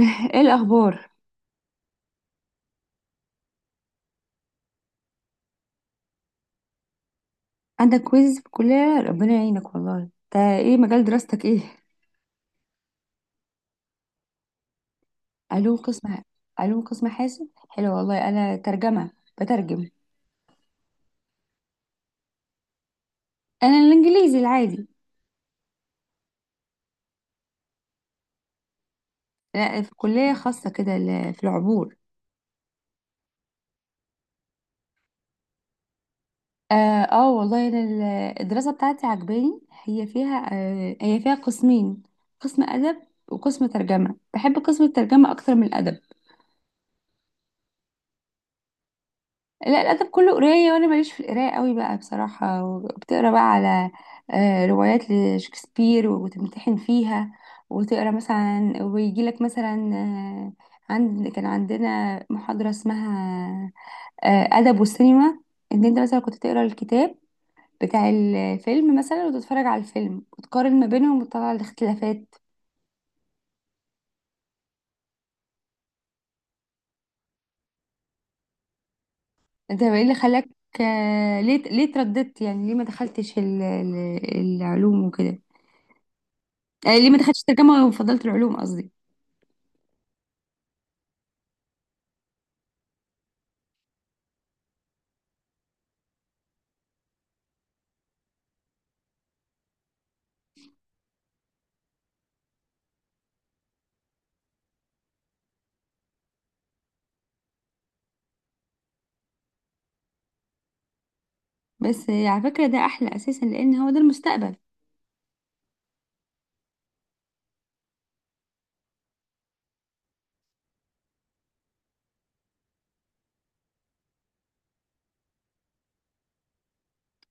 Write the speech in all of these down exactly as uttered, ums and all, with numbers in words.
ايه الاخبار؟ عندك كويز في الكليه، ربنا يعينك والله. انت ايه مجال دراستك، ايه علوم قسم؟ علوم قسم حاسب، حلو والله. انا ترجمه، بترجم. انا الانجليزي العادي. لا، في كليه خاصه كده، ل- في العبور. اه. آه والله انا ال- الدراسه بتاعتي عجباني، هي فيها، آه هي فيها قسمين، قسم ادب وقسم ترجمه. بحب قسم الترجمه اكتر من الادب. لا، الأدب كله قراية، وأنا ماليش في القراية قوي بقى بصراحة. وبتقرا بقى على، آه، روايات لشكسبير، وتمتحن فيها، وتقرا مثلا، ويجي لك مثلا، آه، عند كان عندنا محاضرة اسمها آه، أدب والسينما. إن أنت مثلا كنت تقرا الكتاب بتاع الفيلم مثلا، وتتفرج على الفيلم، وتقارن ما بينهم، وتطلع الاختلافات. أنت إيه اللي خلاك؟ آه، ليه ليه ترددت؟ يعني ليه ما دخلتش ال- ال- العلوم وكده؟ آه، ليه ما دخلتش ترجمة وفضلت العلوم، قصدي؟ بس آه، على فكرة ده أحلى أساسا، لأن هو ده المستقبل.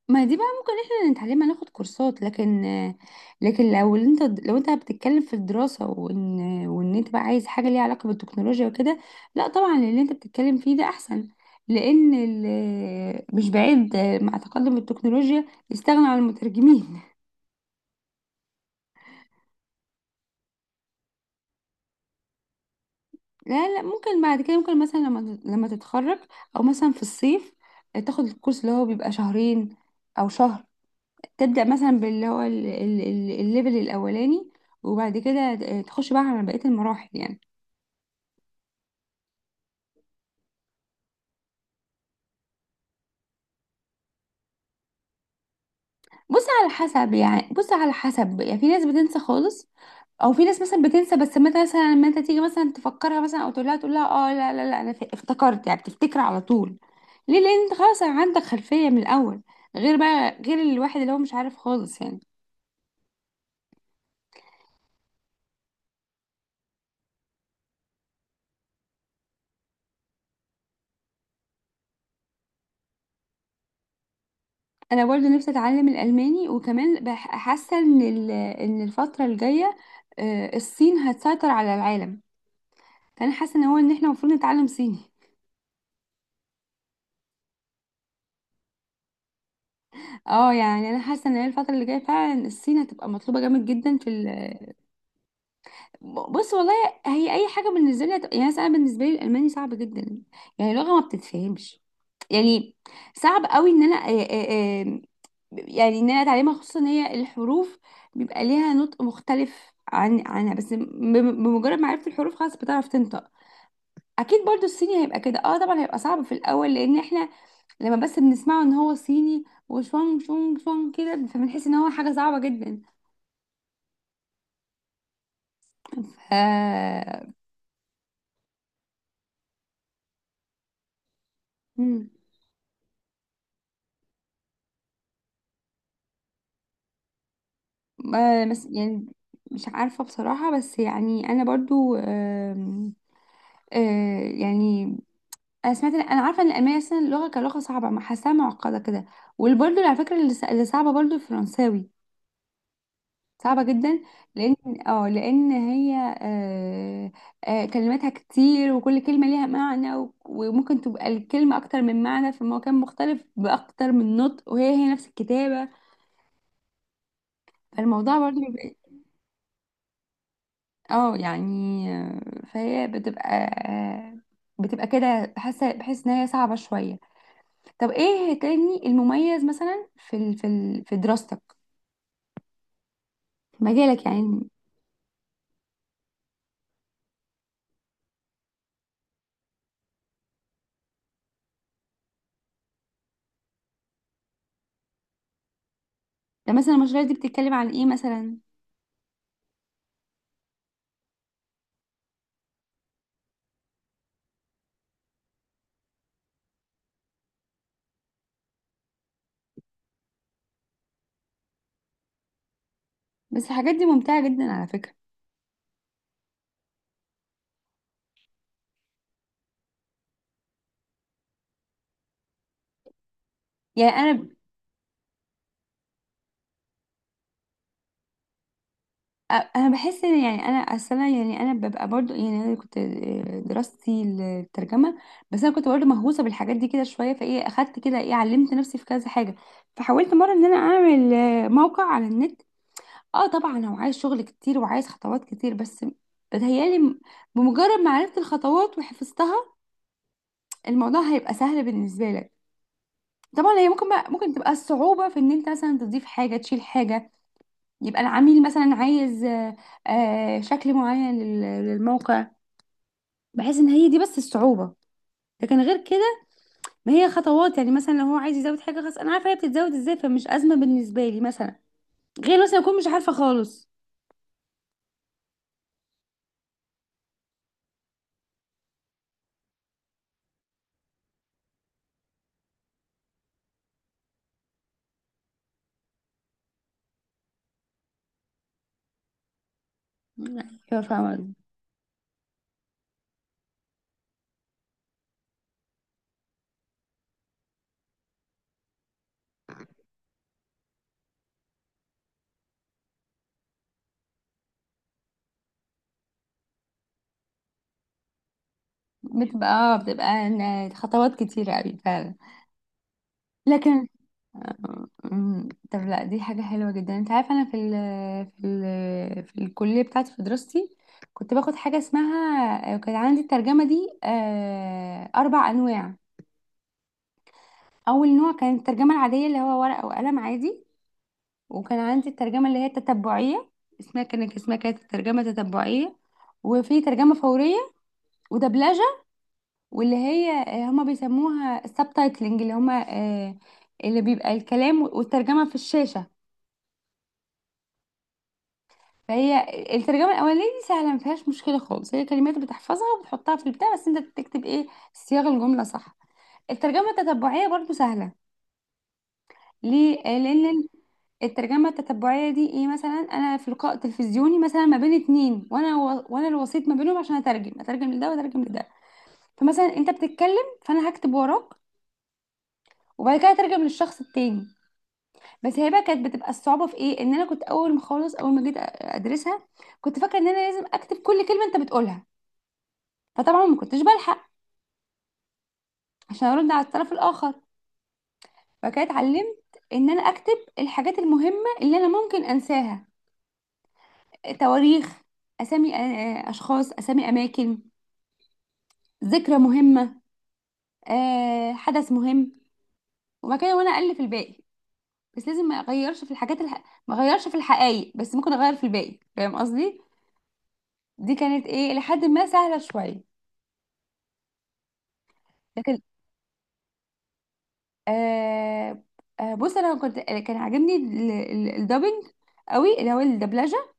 ما دي بقى ممكن احنا نتعلمها، ناخد كورسات، لكن آه، لكن لو انت لو انت بتتكلم في الدراسة، وان وان انت بقى عايز حاجة ليها علاقة بالتكنولوجيا وكده، لا طبعا اللي انت بتتكلم فيه ده أحسن، لأن ال- مش بعيد، آه، مع تقدم التكنولوجيا يستغنى عن المترجمين. لا لا، ممكن بعد كده. ممكن مثلا لما لما تتخرج، أو مثلا في الصيف، آه، تاخد الكورس اللي هو بيبقى شهرين أو شهر. تبدأ مثلا باللي هو ال- ال- ال- الليفل الأولاني، وبعد كده ت- تخش بقى على بقية المراحل يعني. بص على حسب يعني، بص على حسب يعني في ناس بتنسى خالص، او في ناس مثلا بتنسى، بس ما مثلا لما انت تيجي مثلا تفكرها مثلا، او تقول لها، تقول لها، اه لا لا لا، انا ف- افتكرت يعني، بتفتكر على طول. ليه؟ لان انت خلاص عندك خلفية من الاول، غير بقى غير الواحد اللي هو مش عارف خالص يعني. انا برضو نفسي اتعلم الالماني، وكمان بح- حاسه ان ال- ان الفتره الجايه، آه، الصين هتسيطر على العالم. انا حاسه ان هو ان احنا المفروض نتعلم صيني. اه، يعني انا حاسه ان هي الفتره اللي جايه فعلا الصين هتبقى مطلوبه جامد جدا في ال. بص والله، هي اي حاجه بالنسبه لي هتبقى يعني، مثلا أنا بالنسبه لي الالماني صعب جدا، يعني لغه ما بتتفهمش يعني. صعب قوي ان انا آه، آه، آه، يعني ان انا اتعلمها، خصوصا ان هي الحروف بيبقى ليها نطق مختلف عن عنها، بس بم- بمجرد ما عرفت الحروف خلاص بتعرف تنطق. اكيد برضو الصيني هيبقى كده. اه طبعا هيبقى صعب في الاول، لان احنا لما بس بنسمعه ان هو صيني، وشوان شون شون كده، فبنحس ان هو حاجه صعبه جدا. ف مم. آه، بس يعني مش عارفه بصراحه. بس يعني انا برضو آم، آه، يعني انا سمعت، انا عارفه ان الالمانيه اصلا اللغه كلغه صعبه، ما حاساها معقده كده. وبرضو على فكره اللي ص- اللي صعبه برضو الفرنساوي، صعبة جدا. لأن اه لأن هي آه آه كلماتها كتير، وكل كلمة ليها معنى، و- وممكن تبقى الكلمة أكتر من معنى في مكان مختلف، بأكتر من نطق، وهي هي نفس الكتابة. فالموضوع برضو بيبقى، اه يعني، آه، فهي بتبقى، آه بتبقى كده حاسة، بحس إن هي صعبة شوية. طب ايه تاني المميز مثلا في ال، في ال، في دراستك، في مجالك يعني؟ ده مثلا المشاريع دي بتتكلم عن ايه مثلا؟ بس الحاجات دي ممتعة جدا على فكرة. يعني انا، أ- انا بحس ان يعني انا اصل أنا يعني انا ببقى برضو يعني انا كنت، آه، دراستي الترجمه، بس انا كنت برضو مهووسه بالحاجات دي كده شويه، فايه اخدت كده، ايه علمت نفسي في كذا حاجه. فحاولت مره ان انا اعمل آه، موقع على النت. اه طبعا هو عايز شغل كتير، وعايز خطوات كتير، بس بتهيالي م- بمجرد ما عرفت الخطوات وحفظتها الموضوع هيبقى سهل بالنسبه لك. طبعا هي ممكن بقى، ممكن تبقى الصعوبه في ان انت مثلا تضيف حاجه تشيل حاجه، يبقى العميل مثلا عايز آه، آه، شكل معين لل- للموقع، بحيث ان هي دي بس الصعوبة. لكن غير كده، ما هي خطوات. يعني مثلا لو هو عايز يزود حاجة خلاص انا عارفة هي بتتزود ازاي، فمش أزمة بالنسبة لي مثلا، غير مثلا اكون مش عارفة خالص. ايوه فاهمة قصدي. بتبقى اه بتبقى إن خطوات كتيرة قوي فعلا. لكن أمم. طب لا، دي حاجة حلوة جدا. انت عارف انا في ال، في ال، في الكلية بتاعتي، في دراستي، كنت باخد حاجة اسمها، كان عندي الترجمة دي آه، اربع انواع. اول نوع كان الترجمة العادية، اللي هو ورقة وقلم عادي. وكان عندي الترجمة اللي هي التتبعية، اسمها كانت اسمها كانت الترجمة التتبعية. وفي ترجمة فورية، ودبلجة، واللي هي آه، هما بيسموها السبتايتلنج، اللي هما آه، اللي بيبقى الكلام والترجمة في الشاشة. فهي الترجمة الأولانية دي سهلة، ما فيهاش مشكلة خالص، هي كلمات بتحفظها وبتحطها في البتاع، بس أنت تكتب إيه صياغ الجملة صح. الترجمة التتبعية برضو سهلة. ليه؟ آه، لأن الترجمة التتبعية دي إيه؟ مثلا أنا في لقاء تلفزيوني مثلا ما بين اتنين، وأنا و... وأنا الوسيط ما بينهم، عشان أترجم أترجم لده وأترجم لده. فمثلا أنت بتتكلم، فأنا هكتب وراك، وبعد كده أترجم للشخص التاني. بس هي بقى كانت بتبقى الصعوبة في إيه؟ إن أنا كنت أول ما خالص أول ما جيت أ- أدرسها، كنت فاكرة إن أنا لازم أكتب كل كلمة أنت بتقولها، فطبعا ما كنتش بلحق عشان ارد على الطرف الاخر. فكده اتعلمت ان انا اكتب الحاجات المهمه اللي انا ممكن انساها، تواريخ، اسامي، آه، اشخاص، اسامي اماكن، ذكرى مهمه، آه، حدث مهم. وبعد كده وانا الف الباقي. بس لازم ما اغيرش في الحاجات الح... ما اغيرش في الحقائق، بس ممكن اغير في الباقي، فاهم قصدي. دي كانت ايه لحد ما سهله شويه. لكن آه... آه بص، انا كنت كان عاجبني ال- ال- الدبنج قوي، اللي هو الدبلجه.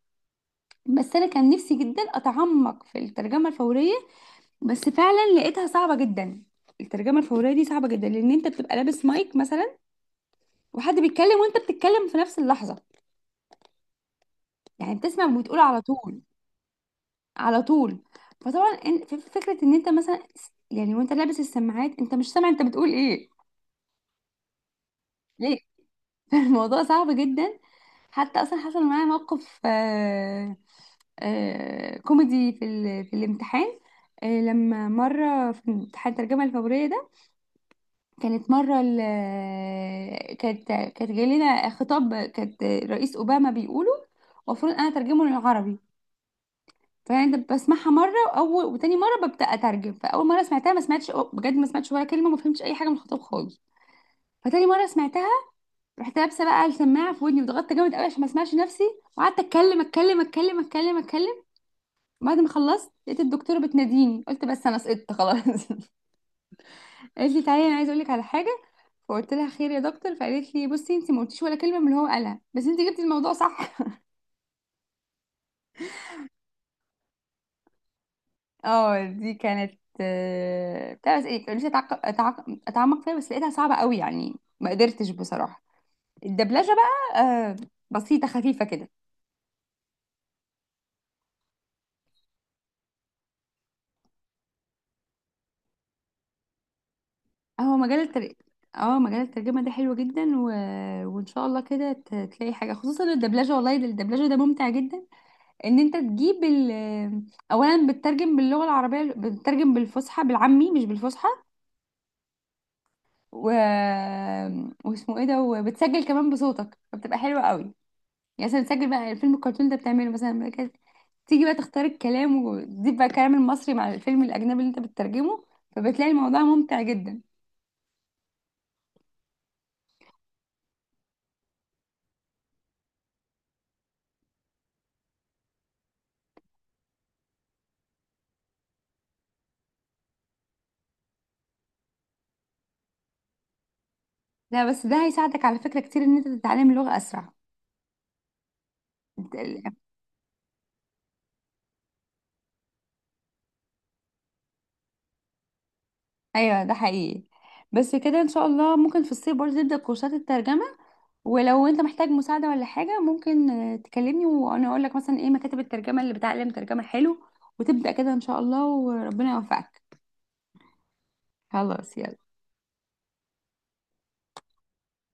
بس انا كان نفسي جدا اتعمق في الترجمه الفوريه، بس فعلا لقيتها صعبه جدا. الترجمه الفوريه دي صعبه جدا، لان انت بتبقى لابس مايك مثلا، وحد بيتكلم، وانت بتتكلم في نفس اللحظه، يعني بتسمع وبتقول على طول، على طول. فطبعا إن- ف- فكره ان انت مثلا س- يعني وانت لابس السماعات، انت مش سامع انت بتقول ايه؟ ليه؟ الموضوع صعب جدا. حتى اصلا حصل معايا موقف آه، آه، كوميدي في ال- في الامتحان. آه، لما مرة في امتحان الترجمة الفورية ده، كانت مرة ال- آه، كانت كانت جاي لنا خطاب كانت رئيس أوباما بيقوله، المفروض أنا أترجمه للعربي. فأنا بسمعها مرة، وأول وتاني مرة ببدأ أترجم. فأول مرة سمعتها ما سمعتش بجد، ما سمعتش ولا كلمة، ما فهمتش أي حاجة من الخطاب خالص. فتاني مرة سمعتها، رحت لابسه بقى السماعه في ودني، وضغطت جامد قوي عشان ما اسمعش نفسي، وقعدت اتكلم اتكلم اتكلم اتكلم اتكلم. بعد ما خلصت لقيت الدكتوره بتناديني، قلت بس انا سقطت خلاص. قالت لي تعالي، انا عايزه اقول لك على حاجه. فقلت لها خير يا دكتور. فقالت لي بصي، انت ما قلتيش ولا كلمه من اللي هو قالها، بس انت جبتي الموضوع صح. اه دي كانت آه، بتاع، بس ايه كان نفسي أتعق- أتعق- اتعمق فيها، بس لقيتها صعبه قوي، يعني ما قدرتش بصراحه. الدبلجه بقى آه، بسيطه خفيفه كده. هو مجال التر... اه مجال الترجمة ده حلو جدا و... وان شاء الله كده ت- تلاقي حاجة، خصوصا الدبلجة، والله ده- الدبلجة ده ممتع جدا. ان انت تجيب ال... اولا بتترجم باللغة العربية، بتترجم بالفصحى، بالعامي مش بالفصحى، و... واسمه ايه ده، وبتسجل كمان بصوتك، فبتبقى حلوة قوي. يعني مثلا تسجل بقى الفيلم الكرتون ده بتعمله مثلا كده. تيجي بقى تختار الكلام وتزيد بقى الكلام المصري مع الفيلم الاجنبي اللي انت بتترجمه، فبتلاقي الموضوع ممتع جدا. لا بس ده هيساعدك على فكرة كتير ان انت تتعلم اللغة اسرع. انت- ال- ايوه ده حقيقي. بس كده ان شاء الله ممكن في الصيف برضه تبدأ كورسات الترجمة. ولو انت محتاج مساعدة ولا حاجة ممكن آه، تكلمني، وانا اقول لك مثلا ايه مكاتب الترجمة اللي بتعلم ترجمة حلو، وتبدأ كده ان شاء الله، وربنا يوفقك. خلاص يلا.